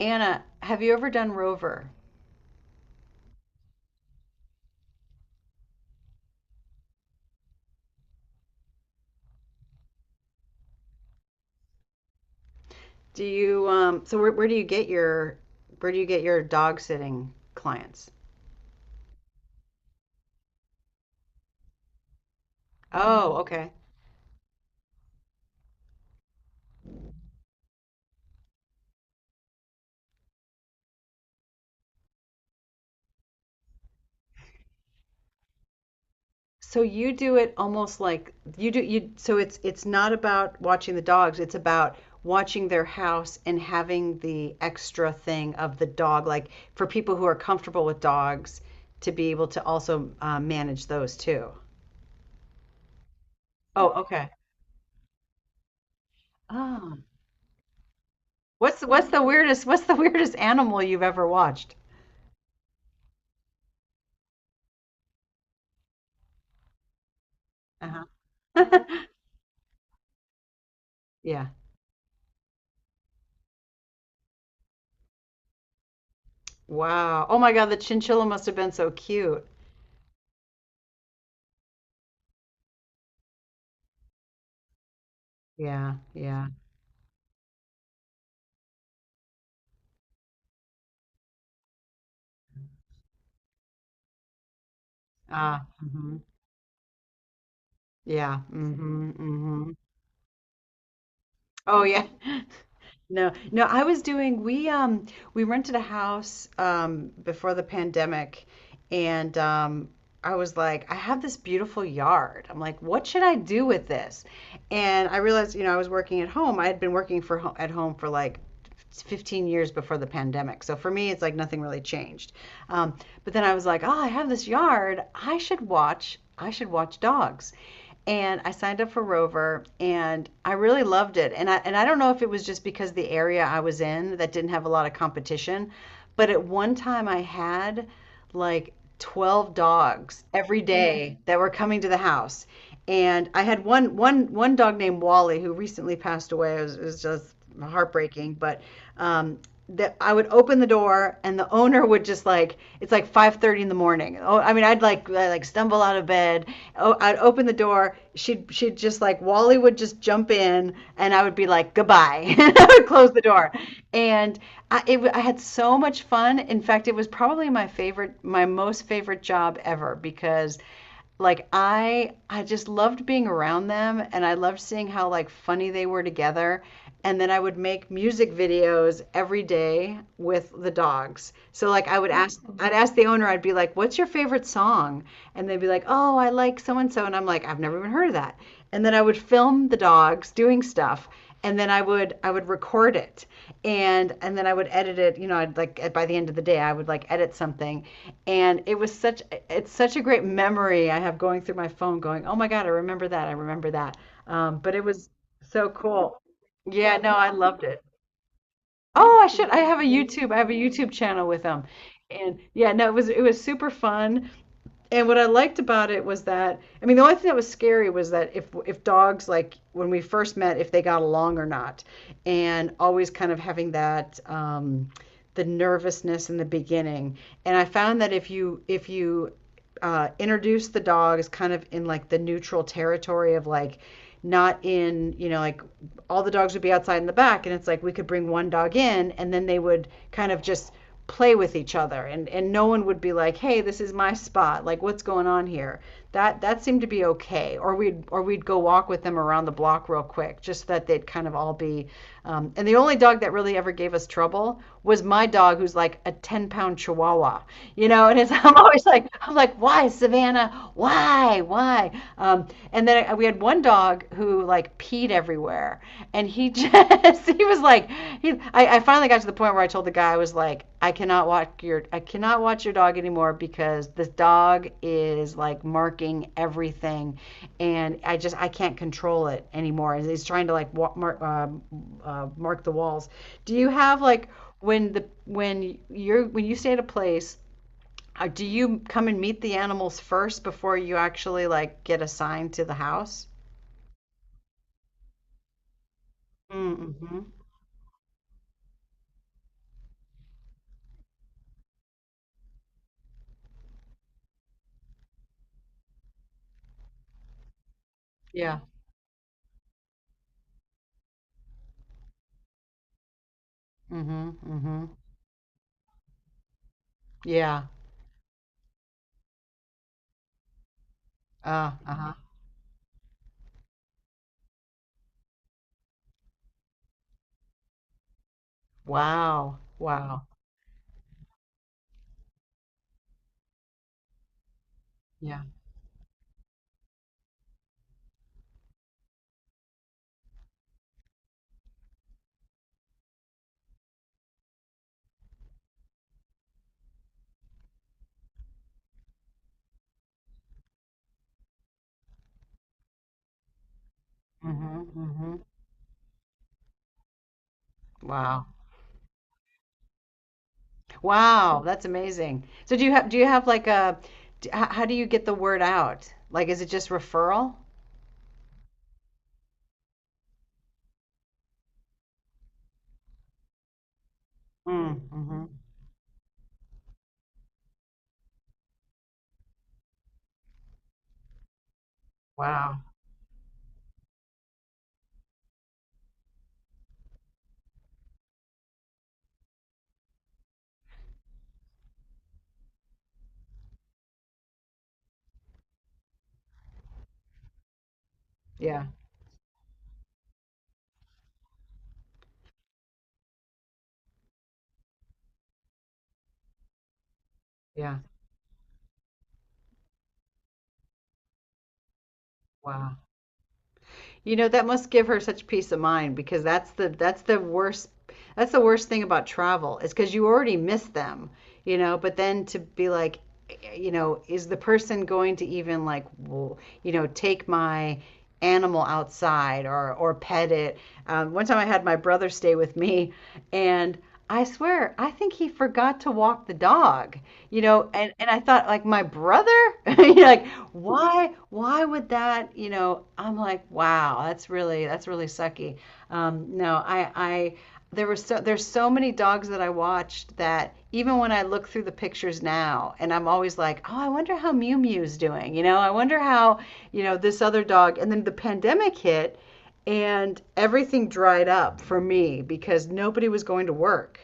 Anna, have you ever done Rover? Do you so where do you get your dog sitting clients? Oh, okay. So you do it almost like you do you so it's not about watching the dogs, it's about watching their house and having the extra thing of the dog, like for people who are comfortable with dogs to be able to also manage those too. Oh, okay. Oh. What's the weirdest animal you've ever watched? Uh-huh. Yeah. Wow. Oh my God, the chinchilla must have been so cute. Yeah, yeah. Ah, mhm. Yeah. Mhm, mhm. Oh yeah. No, no, I was doing, we rented a house before the pandemic, and I was like, I have this beautiful yard. I'm like, what should I do with this? And I realized, you know, I was working at home. I had been working for ho at home for like 15 years before the pandemic. So for me, it's like nothing really changed. Um, but then I was like, oh, I have this yard. I should watch dogs. And I signed up for Rover and I really loved it. And I don't know if it was just because the area I was in that didn't have a lot of competition, but at one time I had like 12 dogs every day that were coming to the house. And I had one dog named Wally who recently passed away. It was just heartbreaking, but um that I would open the door and the owner would just, like, it's like 5:30 in the morning. Oh, I mean, I'd like stumble out of bed. Oh, I'd open the door, she'd just like, Wally would just jump in and I would be like, goodbye, and I would close the door. And I had so much fun. In fact, it was probably my most favorite job ever because, like, I just loved being around them and I loved seeing how, like, funny they were together. And then I would make music videos every day with the dogs. So like, I'd ask the owner, I'd be like, "What's your favorite song?" And they'd be like, "Oh, I like so and so." And I'm like, "I've never even heard of that." And then I would film the dogs doing stuff, and then I would record it, and then I would edit it, you know, I'd like by the end of the day, I would like edit something. And it was such it's such a great memory I have, going through my phone going, "Oh my God, I remember that. I remember that." But it was so cool. Yeah, no, I loved it. Oh, I should. I have a YouTube channel with them. And yeah, no, it was super fun. And what I liked about it was that, I mean, the only thing that was scary was that if dogs, like when we first met, if they got along or not, and always kind of having that, the nervousness in the beginning. And I found that if you introduce the dogs kind of in like the neutral territory of, like, not in, you know, like all the dogs would be outside in the back and it's like we could bring one dog in and then they would kind of just play with each other, and no one would be like, hey, this is my spot, like what's going on here. That seemed to be okay. Or we'd go walk with them around the block real quick, just that they'd kind of all be, and the only dog that really ever gave us trouble was my dog who's like a 10 pound chihuahua, you know, and it's, I'm always like, I'm like, why Savannah, why? um, and then we had one dog who like peed everywhere, and he just, he was like, I finally got to the point where I told the guy, I was like, I cannot watch your, I cannot watch your dog anymore because this dog is like marking everything and I just, I can't control it anymore, and he's trying to like mark, mark the walls. Do you have like, when the, when you're when you stay at a place, do you come and meet the animals first before you actually like get assigned to the house? Mm-hmm. Yeah. Mm-hmm, mm-hmm. Yeah. Uh-huh. Wow. Wow. Yeah. Mm-hmm. Mm-hmm. Wow. Wow, that's amazing. So do you have like a how do you get the word out? Like, is it just referral? Mm, mm-hmm. Wow. Yeah. Yeah. Wow. You know, that must give her such peace of mind because that's the worst, that's the worst thing about travel, is because you already miss them, you know, but then to be like, you know, is the person going to even like, you know, take my animal outside or pet it? One time I had my brother stay with me, and I swear, I think he forgot to walk the dog, you know, and I thought like, my brother, you know, like, why would that, you know, I'm like, wow, that's really, that's really sucky. No I I There were so, there's so many dogs that I watched that even when I look through the pictures now, and I'm always like, oh, I wonder how Mew Mew's doing, you know, I wonder how, you know, this other dog. And then the pandemic hit, and everything dried up for me because nobody was going to work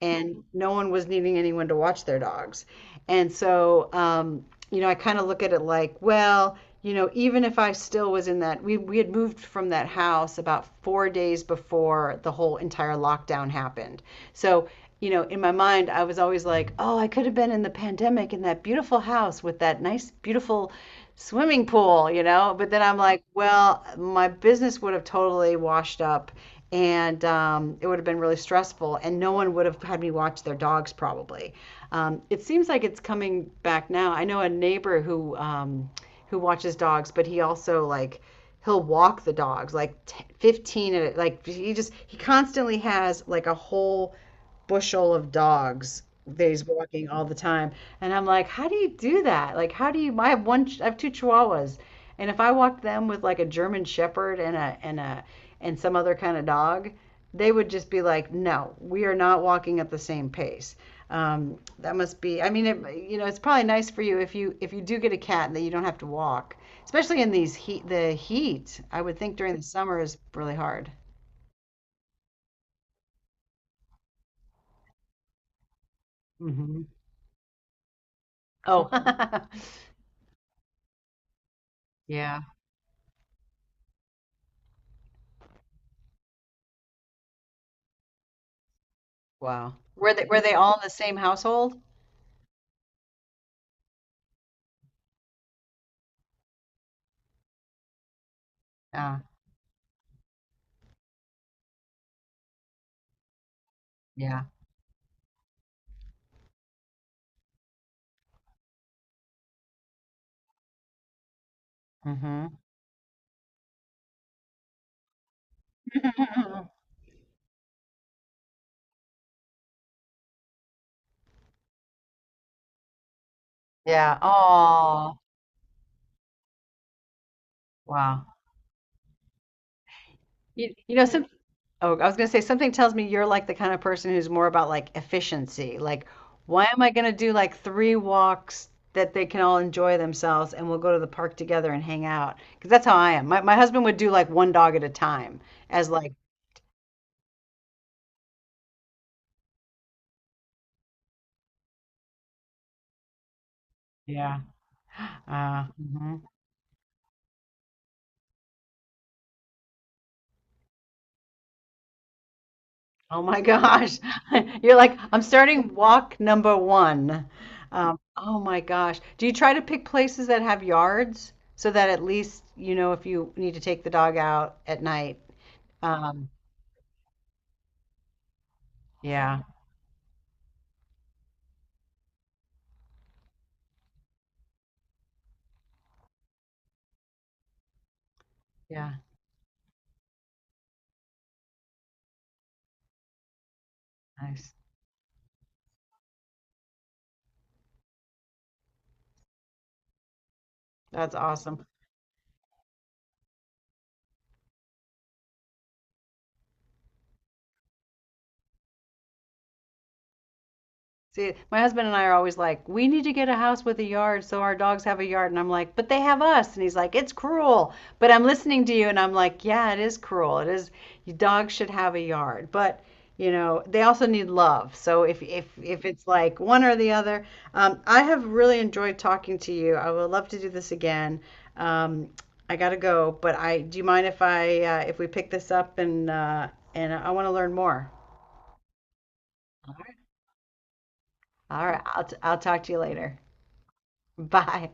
and no one was needing anyone to watch their dogs. And so, you know, I kind of look at it like, well, you know, even if I still was in that, we had moved from that house about four days before the whole entire lockdown happened. So, you know, in my mind, I was always like, oh, I could have been in the pandemic in that beautiful house with that nice, beautiful swimming pool, you know? But then I'm like, well, my business would have totally washed up, and it would have been really stressful, and no one would have had me watch their dogs probably. It seems like it's coming back now. I know a neighbor who, who watches dogs, but he also like, he'll walk the dogs like 15, like, he constantly has like a whole bushel of dogs that he's walking all the time. And I'm like, how do you do that? Like, how do you? I have two Chihuahuas, and if I walked them with like a German Shepherd and a and a and some other kind of dog, they would just be like, no, we are not walking at the same pace. That must be, I mean, it, you know, it's probably nice for you if you do get a cat and that you don't have to walk, especially in these heat. The heat, I would think during the summer, is really hard. Hmm. Oh, yeah. Wow. Were they all in the same household? Yeah. Yeah. Hmm. Yeah. Oh, wow. You know, some, oh, I was gonna say, something tells me you're like the kind of person who's more about like efficiency. Like, why am I gonna do like three walks, that they can all enjoy themselves and we'll go to the park together and hang out? Because that's how I am. My husband would do like one dog at a time, as like, yeah. Mhm. Oh my gosh. You're like, I'm starting walk number one. Oh my gosh. Do you try to pick places that have yards so that at least, you know, if you need to take the dog out at night? Um, yeah, yeah, nice. That's awesome. See, my husband and I are always like, we need to get a house with a yard so our dogs have a yard. And I'm like, but they have us. And he's like, it's cruel. But I'm listening to you and I'm like, yeah, it is cruel. It is, your dogs should have a yard. But, you know, they also need love. So if it's like one or the other, I have really enjoyed talking to you. I would love to do this again. Um, I gotta go, but I, do you mind if I, if we pick this up and I want to learn more? All right. I'll, I'll talk to you later. Bye.